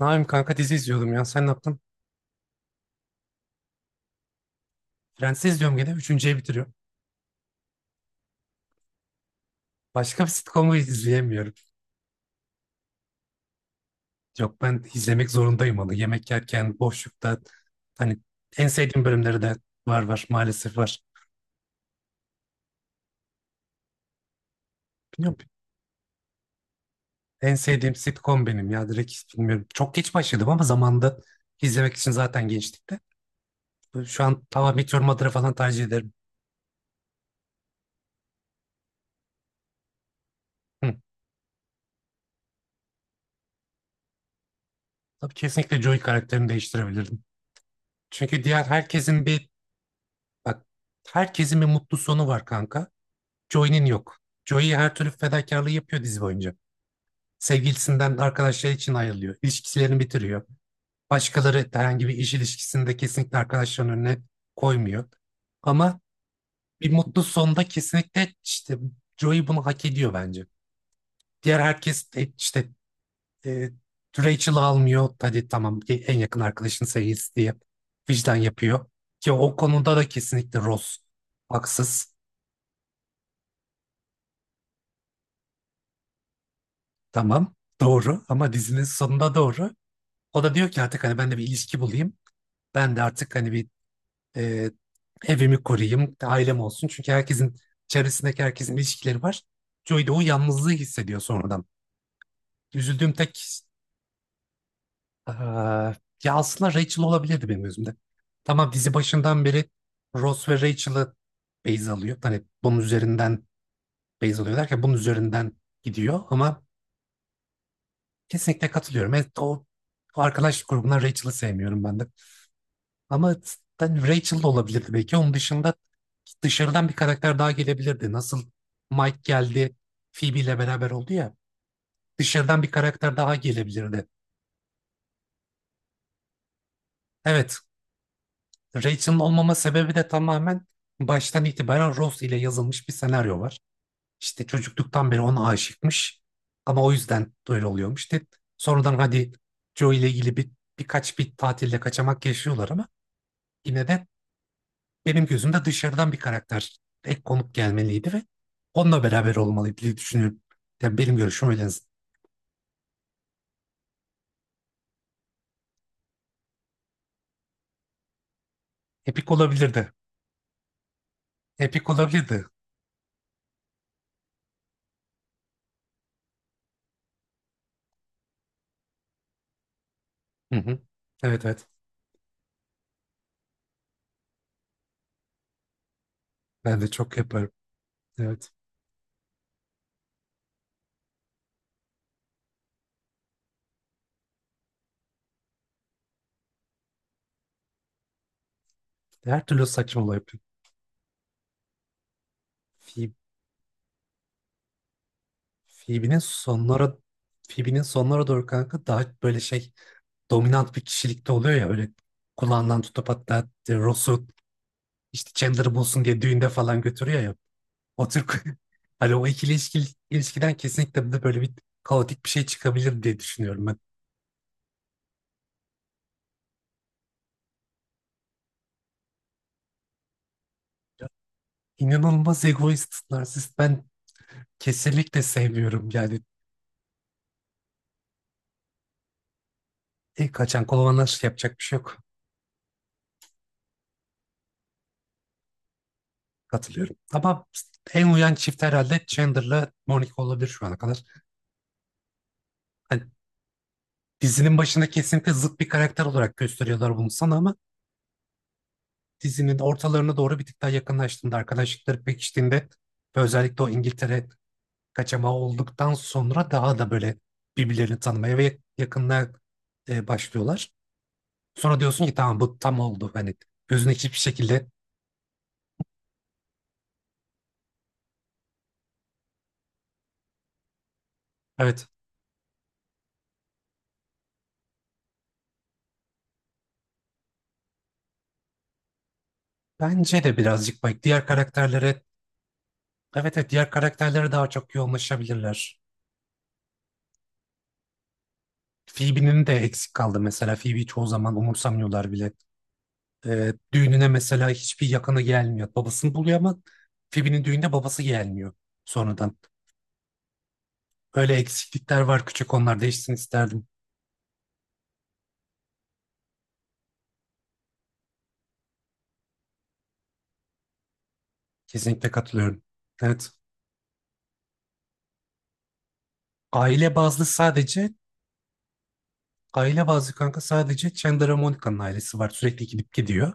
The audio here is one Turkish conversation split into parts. Naim kanka dizi izliyordum ya. Sen ne yaptın? Friends'i izliyorum gene. Üçüncüye bitiriyorum. Başka bir sitcom'u izleyemiyorum. Yok, ben izlemek zorundayım onu. Yemek yerken, boşlukta. Hani en sevdiğim bölümleri de var var. Maalesef var. Bilmiyorum. En sevdiğim sitcom benim ya. Direkt bilmiyorum. Çok geç başladım ama zamanda izlemek için zaten gençlikte. Şu an tamam, Meteor Mother'ı falan tercih ederim. Hı. Tabii kesinlikle Joey karakterini değiştirebilirdim. Çünkü diğer herkesin bir bak, herkesin bir mutlu sonu var kanka. Joey'nin yok. Joey her türlü fedakarlığı yapıyor dizi boyunca. Sevgilisinden arkadaşları için ayrılıyor. İlişkilerini bitiriyor. Başkaları herhangi bir iş ilişkisinde kesinlikle arkadaşlarının önüne koymuyor. Ama bir mutlu sonda kesinlikle işte Joey bunu hak ediyor bence. Diğer herkes de işte e, Rachel'ı almıyor. Hadi tamam, en yakın arkadaşın sevgilisi diye vicdan yapıyor. Ki o konuda da kesinlikle Ross haksız. Tamam doğru, ama dizinin sonunda doğru. O da diyor ki artık hani ben de bir ilişki bulayım. Ben de artık hani bir e, evimi koruyayım, ailem olsun. Çünkü herkesin, çevresindeki herkesin ilişkileri var. Joey de o yalnızlığı hissediyor sonradan. Üzüldüğüm tek Aa, ya aslında Rachel olabilirdi benim gözümde. Tamam, dizi başından beri Ross ve Rachel'ı base alıyor. Hani bunun üzerinden base alıyor derken bunun üzerinden gidiyor, ama kesinlikle katılıyorum. Evet, o arkadaş grubundan Rachel'ı sevmiyorum ben de. Ama cidden Rachel da olabilirdi belki. Onun dışında dışarıdan bir karakter daha gelebilirdi. Nasıl Mike geldi, Phoebe ile beraber oldu ya. Dışarıdan bir karakter daha gelebilirdi. Evet, Rachel'ın olmama sebebi de tamamen baştan itibaren Ross ile yazılmış bir senaryo var. İşte çocukluktan beri ona aşıkmış. Ama o yüzden öyle oluyormuş. De sonradan hadi Joe ile ilgili birkaç bir tatilde kaçamak yaşıyorlar, ama yine de benim gözümde dışarıdan bir karakter, ek konuk gelmeliydi ve onunla beraber olmalıydı diye düşünüyorum. Yani benim görüşüm öyle. Epik olabilirdi. Epik olabilirdi. Hı hı. Evet evet. Ben de çok yaparım. Evet. Her türlü saçmalığı yapıyorum. Phoebe- Phoebe'nin sonlara Phoebe'nin sonlara doğru kanka daha böyle şey, dominant bir kişilikte oluyor ya, öyle kulağından tutup hatta Ross'u işte Chandler'ı bulsun diye düğünde falan götürüyor ya. O Türk hani o ilişkiden kesinlikle de böyle bir kaotik bir şey çıkabilir diye düşünüyorum ben. İnanılmaz egoist, narsist, ben kesinlikle sevmiyorum. Yani kaçan kolonlar yapacak bir şey yok. Katılıyorum. Ama en uyan çift herhalde Chandler'la Monica olabilir şu ana kadar. Hani dizinin başında kesinlikle zıt bir karakter olarak gösteriyorlar bunu sana, ama dizinin ortalarına doğru bir tık daha yakınlaştığında, arkadaşlıkları pekiştiğinde ve özellikle o İngiltere kaçamağı olduktan sonra daha da böyle birbirlerini tanımaya ve yakınlığa başlıyorlar. Sonra diyorsun ki tamam, bu tam oldu. Hani gözüne hiçbir şekilde evet, bence de birazcık bak, diğer karakterlere, evet evet, diğer karakterlere daha çok yoğunlaşabilirler. Phoebe'nin de eksik kaldı mesela. Phoebe'yi çoğu zaman umursamıyorlar bile. Düğününe mesela hiçbir yakını gelmiyor. Babasını buluyor ama Phoebe'nin düğünde babası gelmiyor sonradan. Öyle eksiklikler var, küçük onlar değişsin isterdim. Kesinlikle katılıyorum. Evet. Aile bazlı sadece, aile bazlı kanka sadece Chandler Monica'nın ailesi var. Sürekli gidip gidiyor.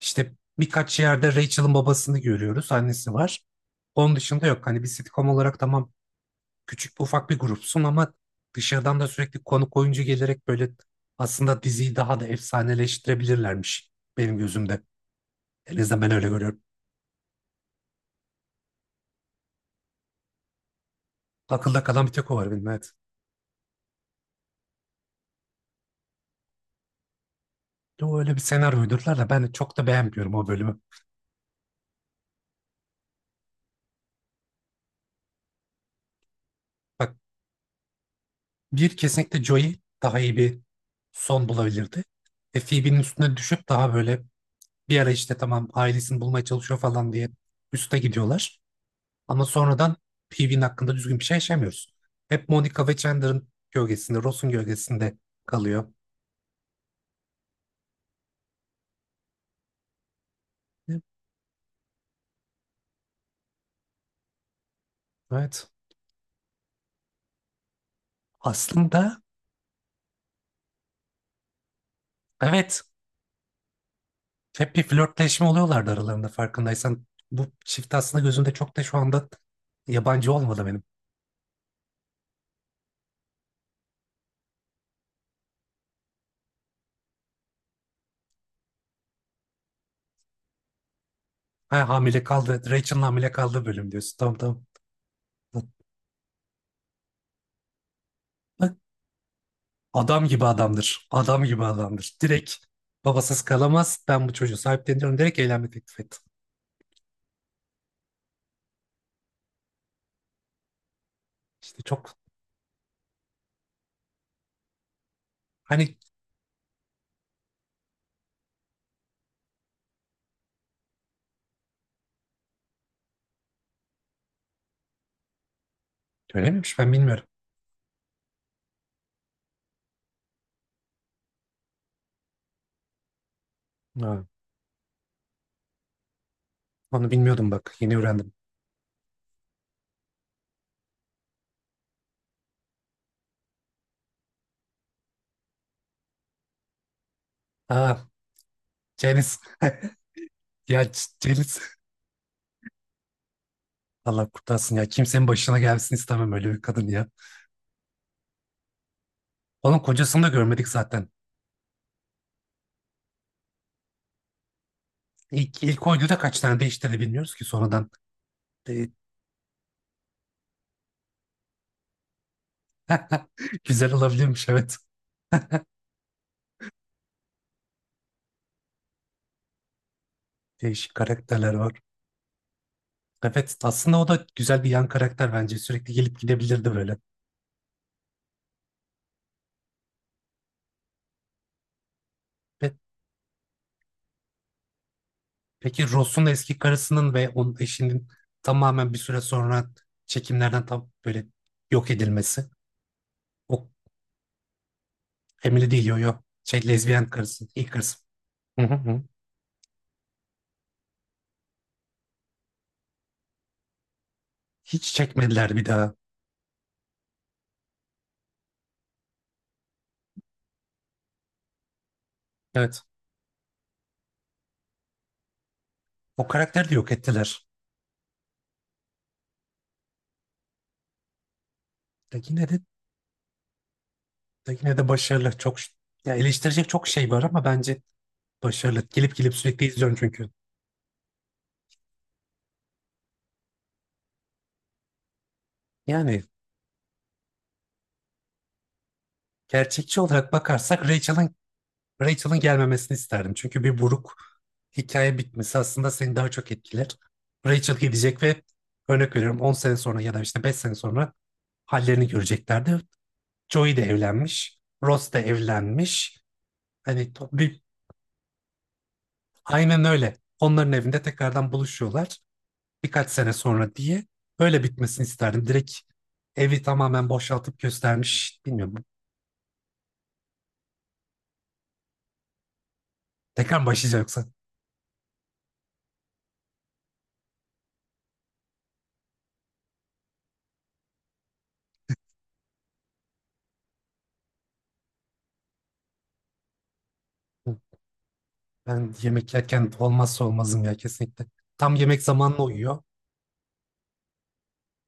İşte birkaç yerde Rachel'ın babasını görüyoruz. Annesi var. Onun dışında yok. Hani bir sitcom olarak tamam, küçük bir ufak bir grupsun ama dışarıdan da sürekli konuk oyuncu gelerek böyle aslında diziyi daha da efsaneleştirebilirlermiş benim gözümde. En azından ben öyle görüyorum. Akılda kalan bir tek o var benim, evet. De o öyle bir senaryo uydurdular, da ben de çok da beğenmiyorum o bölümü. Bak, bir kesinlikle Joey daha iyi bir son bulabilirdi. Ve Phoebe'nin üstüne düşüp daha böyle bir ara işte tamam ailesini bulmaya çalışıyor falan diye üste gidiyorlar. Ama sonradan Phoebe'nin hakkında düzgün bir şey yaşamıyoruz. Hep Monica ve Chandler'ın gölgesinde, Ross'un gölgesinde kalıyor. Evet. Aslında evet. Hep bir flörtleşme oluyorlardı aralarında farkındaysan. Bu çift aslında gözümde çok da şu anda yabancı olmadı benim. Ha, hamile kaldı. Rachel'ın hamile kaldığı bölüm diyorsun. Tamam tamam. Adam gibi adamdır. Adam gibi adamdır. Direkt babasız kalamaz. Ben bu çocuğu sahipleniyorum. Direkt evlenme teklif ettim. İşte çok hani öyle miymiş, ben bilmiyorum. Ha, onu bilmiyordum bak. Yeni öğrendim. Aa, Janice. Janice. Allah kurtarsın ya. Kimsenin başına gelsin istemem öyle bir kadın ya. Onun kocasını da görmedik zaten. İlk oyunda kaç tane değişti de bilmiyoruz ki sonradan. E, Güzel olabilirmiş, evet. Değişik karakterler var. Evet, aslında o da güzel bir yan karakter bence. Sürekli gelip gidebilirdi böyle. Ve Peki Ross'un eski karısının ve onun eşinin tamamen bir süre sonra çekimlerden tam böyle yok edilmesi. O Emily değil, yo yo. Şey, lezbiyen karısı, ilk karısı. Hı hı hı. Hiç çekmediler bir daha. Evet. O karakteri de yok ettiler. De yine de, de yine de başarılı. Ya eleştirecek çok şey var ama bence başarılı. Gelip gelip sürekli izliyorum çünkü. Yani gerçekçi olarak bakarsak Rachel'ın gelmemesini isterdim. Çünkü bir buruk hikaye bitmesi aslında seni daha çok etkiler. Rachel gidecek ve örnek veriyorum 10 sene sonra ya da işte 5 sene sonra hallerini göreceklerdi. Joey de evlenmiş, Ross da evlenmiş. Bir, aynen öyle. Onların evinde tekrardan buluşuyorlar birkaç sene sonra diye. Öyle bitmesini isterdim. Direkt evi tamamen boşaltıp göstermiş. Bilmiyorum. Tekrar mı başlayacak yoksa? Ben yemek yerken olmazsa olmazım ya kesinlikle. Tam yemek zamanına uyuyor.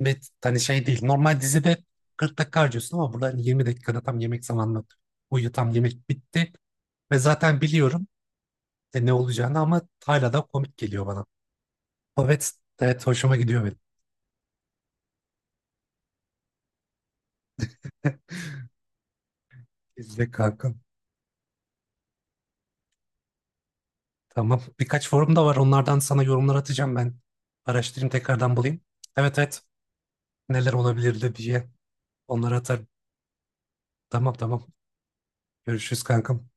Ve hani şey değil. Normal dizide 40 dakika harcıyorsun ama burada hani 20 dakikada tam yemek zamanına uyuyor. Tam yemek bitti. Ve zaten biliyorum ne olacağını ama hala da komik geliyor bana. Evet, evet hoşuma gidiyor benim. İzle kankam. Tamam. Birkaç forum da var. Onlardan sana yorumlar atacağım ben. Araştırayım, tekrardan bulayım. Evet evet. Neler olabilirdi diye. Onları atarım. Tamam tamam. Görüşürüz kankam.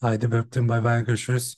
Haydi öptüm. Bay bay. Görüşürüz.